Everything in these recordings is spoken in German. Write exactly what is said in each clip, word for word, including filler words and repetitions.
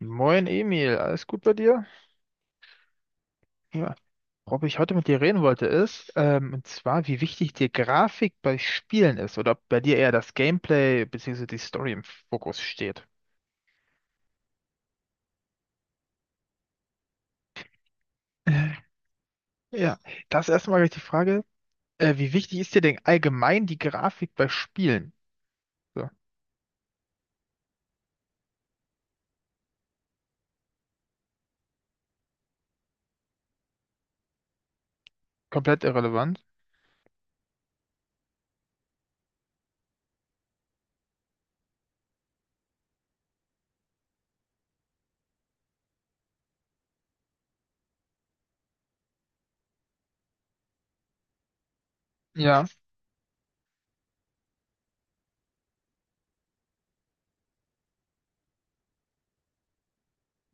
Moin Emil, alles gut bei dir? Ja, worüber ich heute mit dir reden wollte ist, ähm, und zwar, wie wichtig dir Grafik bei Spielen ist oder ob bei dir eher das Gameplay bzw. die Story im Fokus steht. Äh, Ja, das erstmal gleich die Frage, äh, wie wichtig ist dir denn allgemein die Grafik bei Spielen? So, komplett irrelevant. Ja.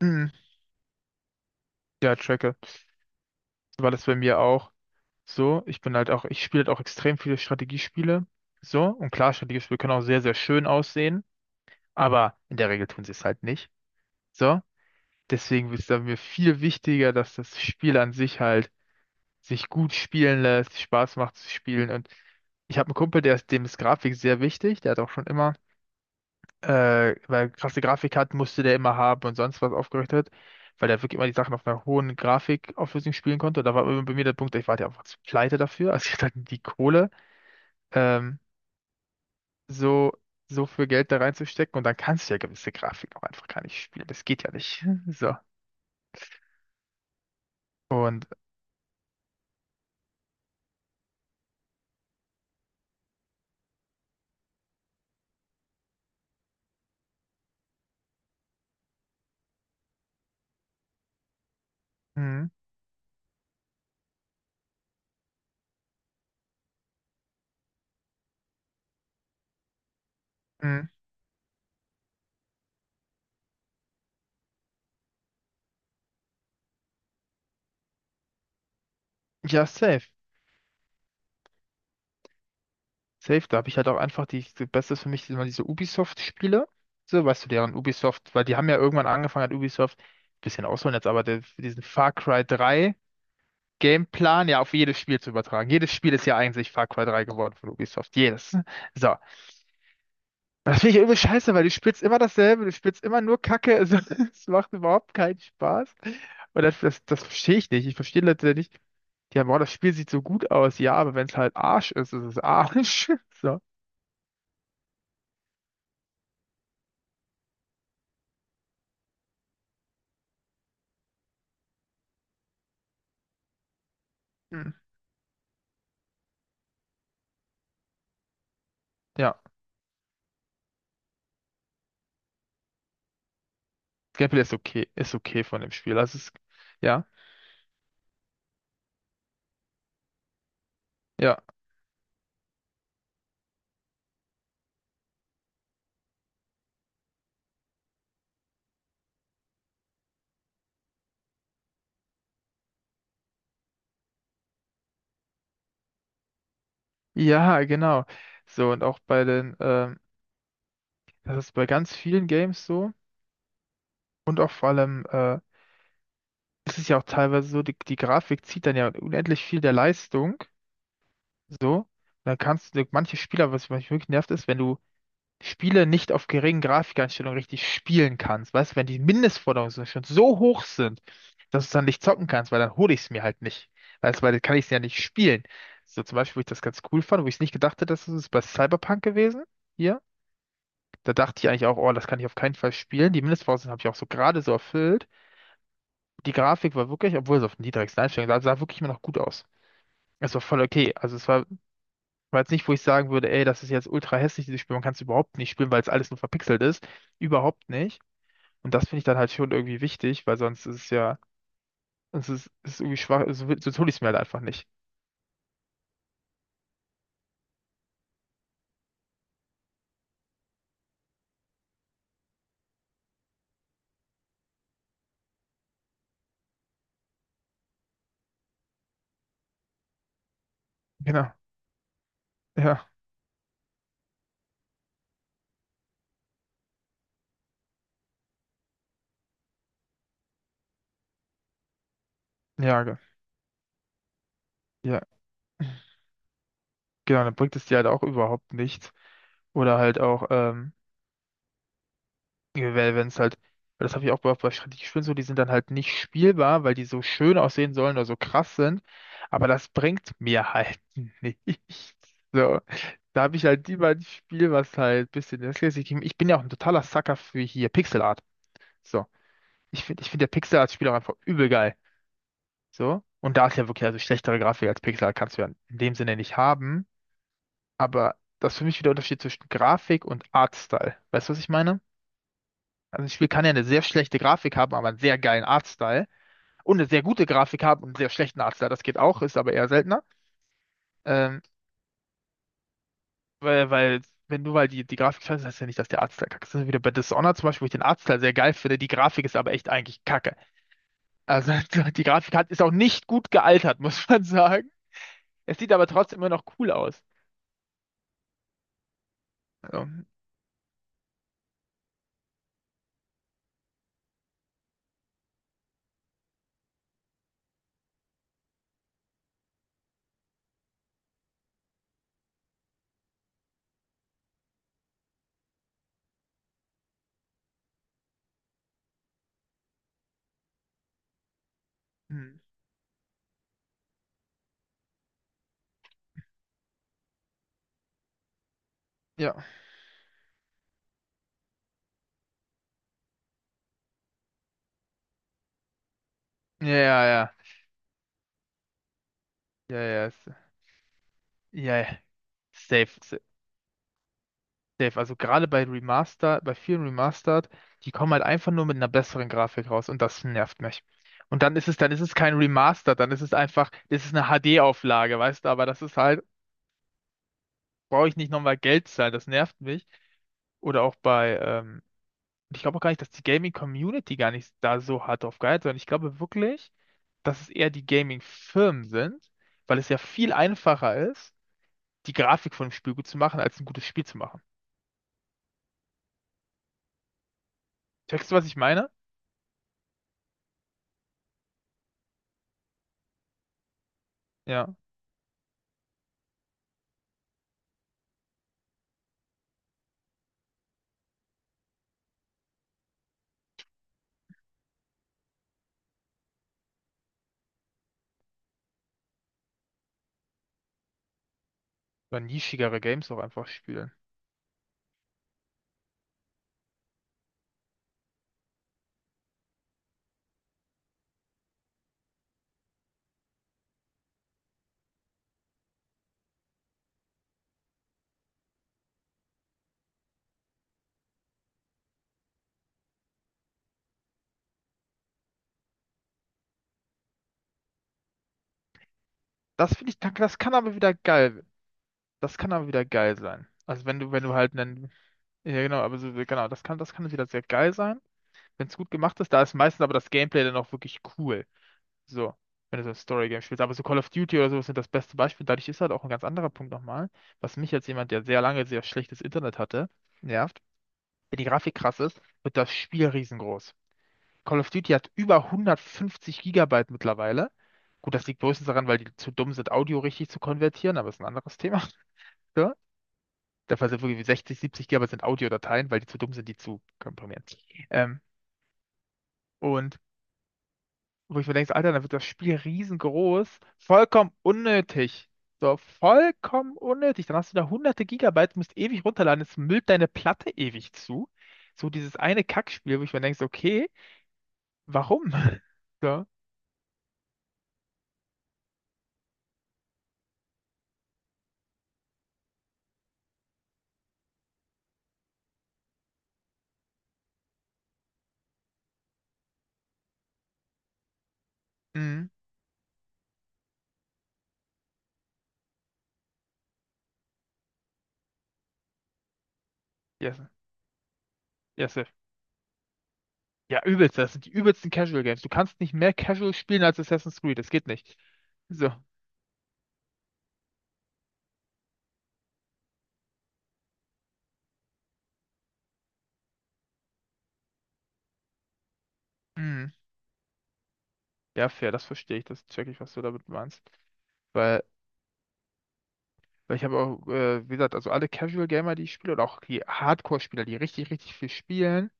Mhm. Ja, tracke. So war das bei mir auch so. Ich bin halt auch, ich spiele halt auch extrem viele Strategiespiele. So, und klar, Strategiespiele können auch sehr, sehr schön aussehen. Aber in der Regel tun sie es halt nicht. So, deswegen ist es mir viel wichtiger, dass das Spiel an sich halt sich gut spielen lässt, Spaß macht zu spielen. Und ich habe einen Kumpel, der ist, dem ist Grafik sehr wichtig. Der hat auch schon immer, äh, weil er krasse Grafik hat, musste der immer haben und sonst was aufgerichtet, weil der wirklich immer die Sachen auf einer hohen Grafikauflösung spielen konnte. Und da war immer bei mir der Punkt, ich war ja einfach zu pleite dafür. Also ich hatte halt die Kohle, ähm, so, so viel Geld da reinzustecken. Und dann kannst du ja gewisse Grafik auch einfach gar nicht spielen. Das geht ja nicht. So. Und mhm, mhm. Ja, safe. Safe, da habe ich halt auch einfach die, die Beste ist für mich immer diese Ubisoft-Spiele. So, weißt du, deren Ubisoft, weil die haben ja irgendwann angefangen hat, Ubisoft, bisschen ausholen jetzt, aber der, diesen Far Cry drei Gameplan ja auf jedes Spiel zu übertragen. Jedes Spiel ist ja eigentlich Far Cry drei geworden von Ubisoft. Jedes. So. Das finde ich ja übel scheiße, weil du spielst immer dasselbe, du spielst immer nur Kacke. Also, es macht überhaupt keinen Spaß. Und das, das, das verstehe ich nicht. Ich verstehe Leute nicht. Ja, boah, das Spiel sieht so gut aus, ja, aber wenn es halt Arsch ist, ist es Arsch. So. Hm. Ja, Gameplay ist okay, ist okay von dem Spiel. Also es, ja, ja, ja, genau. So, und auch bei den, ähm, das ist bei ganz vielen Games so. Und auch vor allem, äh, es ist ja auch teilweise so, die, die Grafik zieht dann ja unendlich viel der Leistung. So. Und dann kannst du, manche Spieler, was mich wirklich nervt, ist, wenn du Spiele nicht auf geringen Grafikeinstellungen richtig spielen kannst. Weißt du, wenn die Mindestforderungen so- schon so hoch sind, dass du es dann nicht zocken kannst, weil dann hole ich es mir halt nicht. Weißt du, weil dann kann ich es ja nicht spielen. So zum Beispiel, wo ich das ganz cool fand, wo ich es nicht gedacht hätte, dass es ist bei Cyberpunk gewesen. Hier. Da dachte ich eigentlich auch, oh, das kann ich auf keinen Fall spielen. Die Mindestvoraussetzungen habe ich auch so gerade so erfüllt. Die Grafik war wirklich, obwohl es auf den niedrigsten Einstellungen sah, sah wirklich immer noch gut aus. Es war voll okay. Also es war, war jetzt nicht, wo ich sagen würde, ey, das ist jetzt ultra hässlich, dieses Spiel. Man kann es überhaupt nicht spielen, weil es alles nur verpixelt ist. Überhaupt nicht. Und das finde ich dann halt schon irgendwie wichtig, weil sonst ist es ja, sonst ist es ist irgendwie schwach, so, will- so tue ich es mir halt einfach nicht. Genau. Ja. Ja, ge- ja. Genau, dann bringt es dir halt auch überhaupt nichts. Oder halt auch, ähm, wenn es halt, weil das habe ich auch bei, bei Strategiespielen so, die sind dann halt nicht spielbar, weil die so schön aussehen sollen oder so krass sind. Aber das bringt mir halt nichts. So. Da habe ich halt lieber ein Spiel, was halt ein bisschen das Gleiche gibt. Ich bin ja auch ein totaler Sucker für hier Pixel Art. So. Ich finde, ich finde der Pixar als Spiel auch einfach übel geil. So. Und da ist ja wirklich, also schlechtere Grafik als Pixar kannst du ja in dem Sinne nicht haben. Aber das ist für mich wieder der Unterschied zwischen Grafik und Artstyle. Weißt du, was ich meine? Also ein Spiel kann ja eine sehr schlechte Grafik haben, aber einen sehr geilen Artstyle. Und eine sehr gute Grafik haben und einen sehr schlechten Artstyle. Das geht auch, ist aber eher seltener. Ähm, weil, weil, wenn du weil die, die Grafik scheiße, ist, heißt ja nicht, dass der Artstyle kacke ist. Das ist wieder bei Dishonored zum Beispiel, wo ich den Artstyle sehr geil finde. Die Grafik ist aber echt eigentlich kacke. Also die Grafik hat, ist auch nicht gut gealtert, muss man sagen. Es sieht aber trotzdem immer noch cool aus. Also, hm, ja. Ja, ja, ja. Ja, ja. ist- Ja, ja. Safe, sa- safe. Also gerade bei Remaster, bei vielen Remastered, die kommen halt einfach nur mit einer besseren Grafik raus und das nervt mich. Und dann ist es, dann ist es kein Remaster, dann ist es einfach, das ist eine H D-Auflage, weißt du, aber das ist halt, brauche ich nicht nochmal Geld zahlen, das nervt mich. Oder auch bei, ähm, und ich glaube auch gar nicht, dass die Gaming-Community gar nicht da so hart drauf geiert, sondern ich glaube wirklich, dass es eher die Gaming-Firmen sind, weil es ja viel einfacher ist, die Grafik von einem Spiel gut zu machen, als ein gutes Spiel zu machen. Checkst du, was ich meine? Ja. Oder nischigere Games auch einfach spielen. Das finde ich, das kann aber wieder geil. Das kann aber wieder geil sein. Also wenn du, wenn du halt einen, ja genau, aber so, genau, das kann, das kann wieder sehr geil sein, wenn es gut gemacht ist. Da ist meistens aber das Gameplay dann auch wirklich cool. So, wenn du so ein Story-Game spielst. Aber so Call of Duty oder sowas sind das beste Beispiel. Dadurch ist halt auch ein ganz anderer Punkt nochmal, was mich als jemand, der sehr lange sehr schlechtes Internet hatte, nervt. Wenn die Grafik krass ist, wird das Spiel riesengroß. Call of Duty hat über hundertfünfzig Gigabyte mittlerweile. Gut, das liegt größtenteils daran, weil die zu dumm sind, Audio richtig zu konvertieren, aber ist ein anderes Thema. So. Der Fall sind wirklich sechzig, siebzig Gigabyte sind Audiodateien, weil die zu dumm sind, die zu komprimieren. Ähm, und wo ich mir denke, so, Alter, dann wird das Spiel riesengroß, vollkommen unnötig. So, vollkommen unnötig. Dann hast du da hunderte Gigabyte, musst ewig runterladen, es müllt deine Platte ewig zu. So dieses eine Kackspiel, wo ich mir denke, so, okay, warum? So, mhm, yes, yes. Sir. Ja, übelst, das sind die übelsten Casual Games. Du kannst nicht mehr Casual spielen als Assassin's Creed, das geht nicht. So, mhm. Ja, fair, das verstehe ich, das check ich, was du damit meinst. Weil Weil ich habe auch, äh, wie gesagt, also alle Casual Gamer, die ich spiele, oder auch die Hardcore-Spieler, die richtig, richtig viel spielen,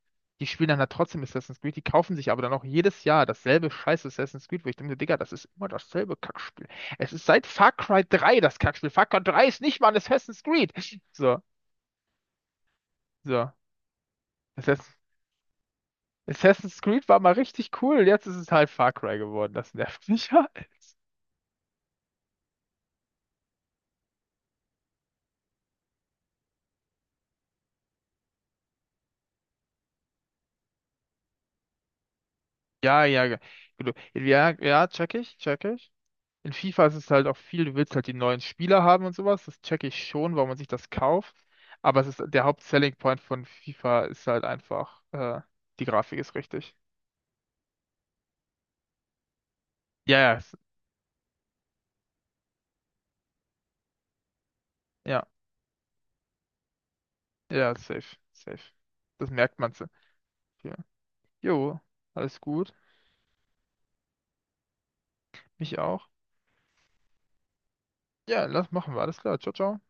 die spielen dann halt trotzdem Assassin's Creed, die kaufen sich aber dann auch jedes Jahr dasselbe scheiß Assassin's Creed, wo ich denke, so, Digga, das ist immer dasselbe Kackspiel. Es ist seit Far Cry drei das Kackspiel. Far Cry drei ist nicht mal ein Assassin's Creed. So, so. Assassin's, Assassin's Creed war mal richtig cool, jetzt ist es halt Far Cry geworden. Das nervt mich halt. Ja, ja, ge- gut. Ja, ja, check ich, check ich. In FIFA ist es halt auch viel, du willst halt die neuen Spieler haben und sowas, das checke ich schon, warum man sich das kauft. Aber es ist der Haupt-Selling Point von FIFA ist halt einfach, äh, die Grafik ist richtig. Ja, ja, s- ja, ja, safe, safe. Das merkt man so. Ja. Jo, alles gut. Mich auch. Ja, lass machen wir. Alles klar. Ciao, ciao.